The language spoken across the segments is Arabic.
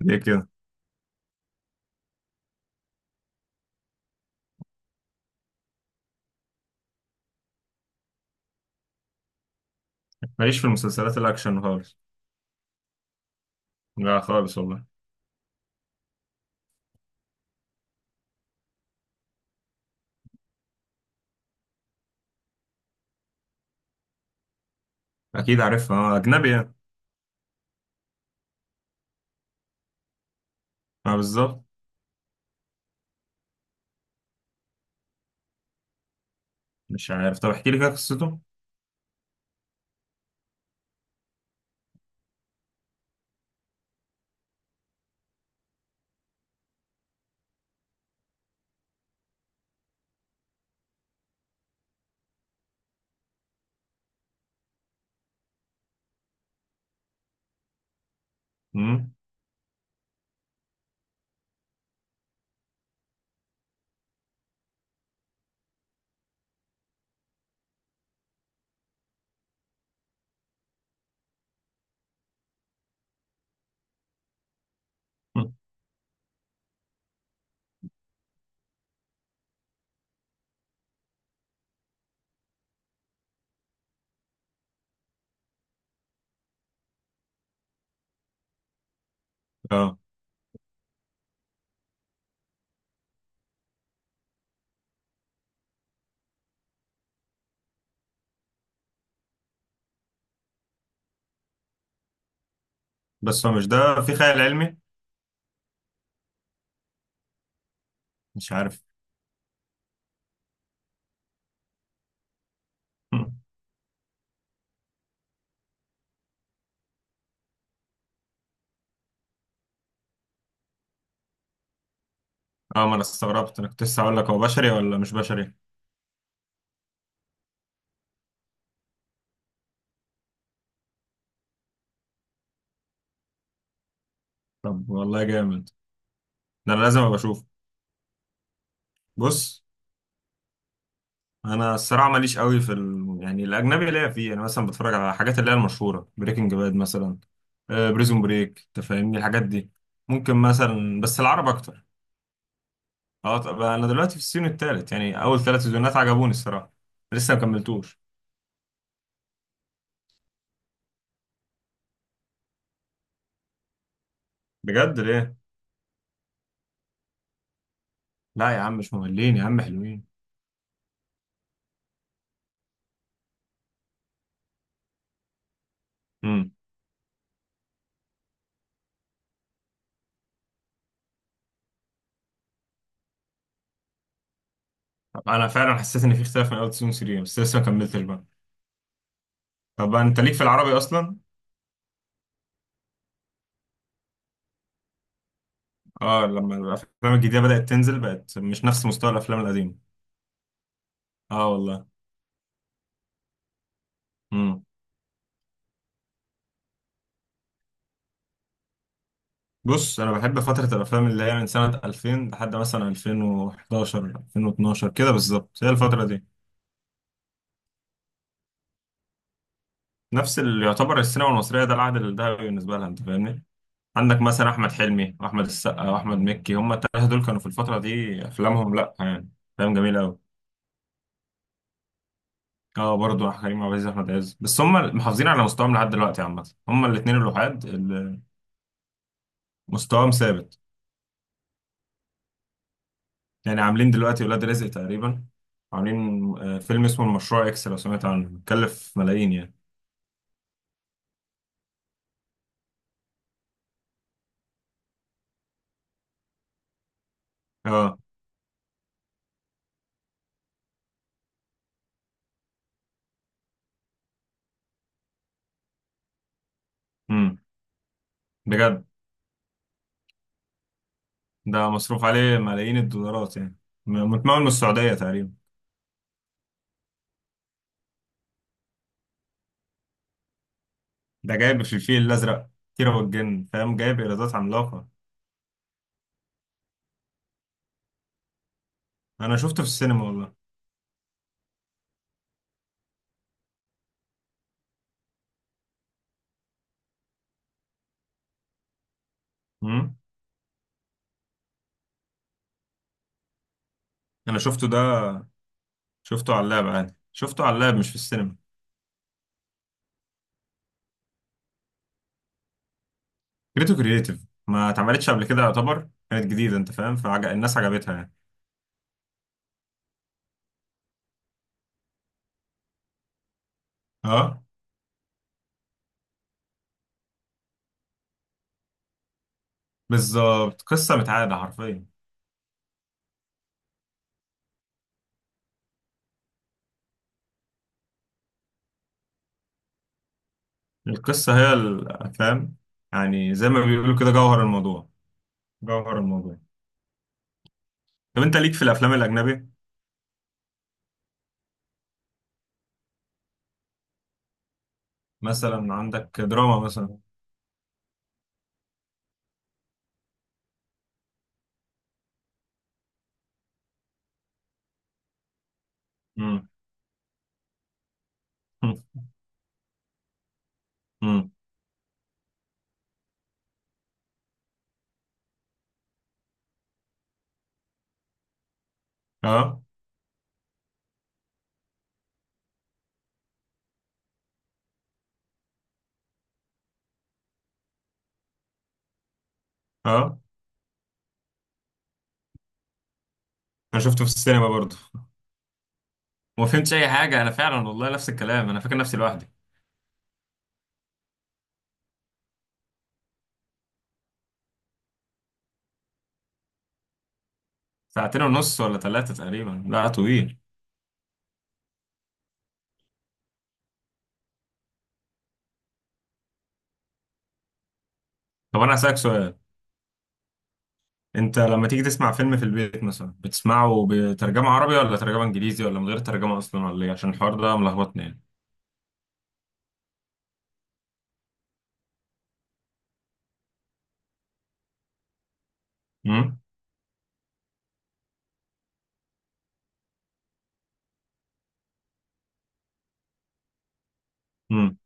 ليه كده؟ ماليش في المسلسلات الاكشن خالص. لا خالص والله. اكيد عارفها، اجنبي يعني. اه، بالظبط. مش عارف. طب احكي لي كده قصته. امم اه، بس هو مش ده. في خيال علمي. مش عارف. مم. اه، ما انا استغربت، انا كنت لسه هقول لك هو بشري ولا مش بشري. طب والله جامد. ده انا لازم ابقى اشوف. بص، انا الصراحه ماليش قوي في ال... يعني الاجنبي ليا فيه. انا مثلا بتفرج على الحاجات اللي هي المشهوره، بريكنج باد مثلا. بريزون بريك، انت فاهمني الحاجات دي. ممكن مثلا، بس العرب اكتر. اه، طب انا دلوقتي في السيزون الثالث، يعني اول ثلاث سيزونات عجبوني الصراحه. لسه ما كملتوش. بجد؟ ليه؟ لا يا عم مش مملين، يا عم حلوين. امم. طب انا فعلا حسيت ان في اختلاف من اول سيزون 3، بس لسه ما كملتش بقى. طب انت ليك في العربي اصلا. اه، لما الافلام الجديده بدات تنزل بقت مش نفس مستوى الافلام القديمه. اه والله. امم. بص، انا بحب فتره الافلام اللي هي من سنه 2000 لحد مثلا 2011، 2012، كده بالظبط هي الفتره دي. نفس اللي يعتبر السينما المصريه ده العهد الذهبي بالنسبه لها، انت فاهمني. عندك مثلا احمد حلمي واحمد السقا واحمد مكي، هم الثلاثه دول كانوا في الفتره دي افلامهم، لا يعني. افلام جميله قوي. اه برضه كريم عبد العزيز، احمد عز، بس هم محافظين على مستواهم لحد دلوقتي عامه، هم الاثنين الوحيد اللي مستواهم ثابت. يعني عاملين دلوقتي ولاد رزق تقريبا. عاملين فيلم اسمه المشروع اكس، لو سمعت عنه كلف ملايين يعني. اه. امم. بجد. ده مصروف عليه ملايين الدولارات يعني. متمول من السعوديه تقريبا. ده جايب في الفيل الازرق، كيرة والجن، فاهم؟ جايب ايرادات عملاقه. انا شفته في السينما والله. امم. انا شفته ده، شفته على اللاب عادي، شفته على اللاب مش في السينما. فكرته كرييتيف. ما اتعملتش قبل كده، يعتبر كانت جديده، انت فاهم؟ الناس عجبتها يعني. اه بالظبط، قصه متعاده حرفيا. القصه هي فاهم. يعني زي ما بيقولوا كده، جوهر الموضوع. جوهر الموضوع. طب انت ليك في الافلام الاجنبي. مثلا عندك دراما مثلا. امم. امم. اه. اه، انا شفته في السينما برضه. وما فهمتش اي حاجه، انا فعلا والله نفس الكلام، انا فاكر نفسي لوحدي. ساعتين ونص ولا ثلاثة تقريبا، لا طويل. طب أنا هسألك سؤال. أنت لما تيجي تسمع فيلم في البيت مثلا بتسمعه بترجمة عربي ولا ترجمة إنجليزي ولا من غير ترجمة أصلا ولا إيه؟ عشان الحوار ده ملخبطني يعني. امم. امم.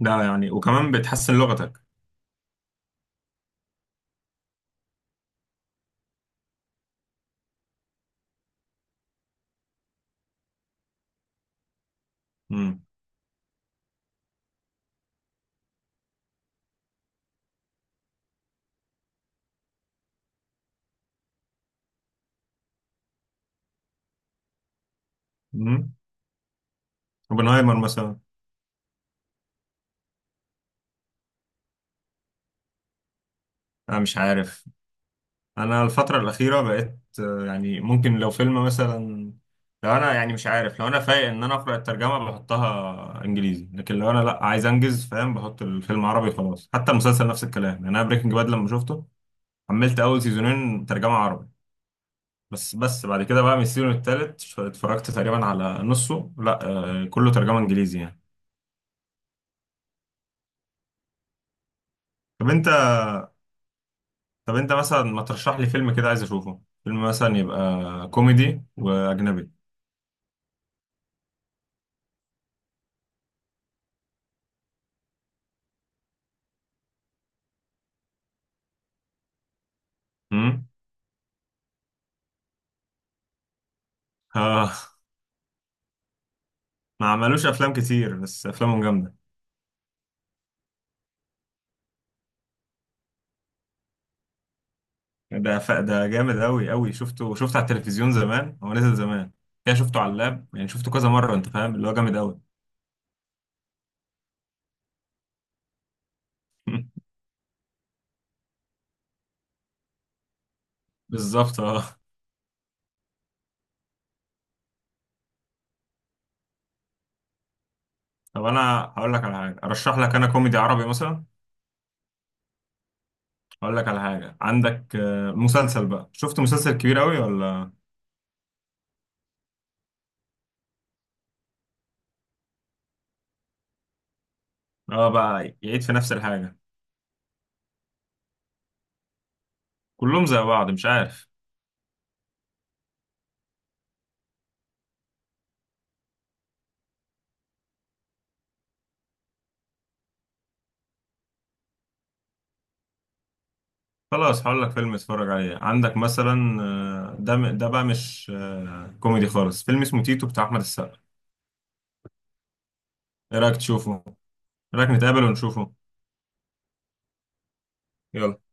ده يعني وكمان بتحسن لغتك. امم. امم. اوبنهايمر مثلا. أنا مش عارف. انا الفتره الاخيره بقيت يعني ممكن لو فيلم مثلا، لو انا يعني مش عارف، لو انا فايق ان انا اقرا الترجمه بحطها انجليزي، لكن لو انا لا عايز انجز فاهم، بحط الفيلم عربي خلاص. حتى المسلسل نفس الكلام، يعني انا بريكنج باد لما شفته، حملت اول سيزونين ترجمه عربي. بس بعد كده بقى من السيزون التالت اتفرجت تقريبا على نصه، لا كله ترجمه انجليزي يعني. طب انت طب انت مثلا ما ترشح لي فيلم كده عايز اشوفه، فيلم مثلا يبقى كوميدي واجنبي. امم. ما عملوش افلام كتير بس افلامهم جامده. ده جامد قوي قوي، شفته، شفته على التلفزيون زمان، هو نزل زمان كده. شفته على اللاب يعني، شفته كذا مره انت فاهم، اللي هو جامد قوي. بالظبط اه. طب انا هقول لك على حاجه، ارشح لك انا كوميدي عربي مثلا. هقول لك على حاجه. عندك مسلسل بقى، شفت مسلسل كبير قوي ولا؟ اه بقى يعيد في نفس الحاجه. كلهم زي بعض مش عارف. خلاص هقول لك فيلم اتفرج عليه، عندك مثلا ده بقى مش كوميدي خالص، فيلم اسمه تيتو بتاع احمد السقا. ايه رايك تشوفه؟ ايه رايك نتقابل ونشوفه؟ يلا.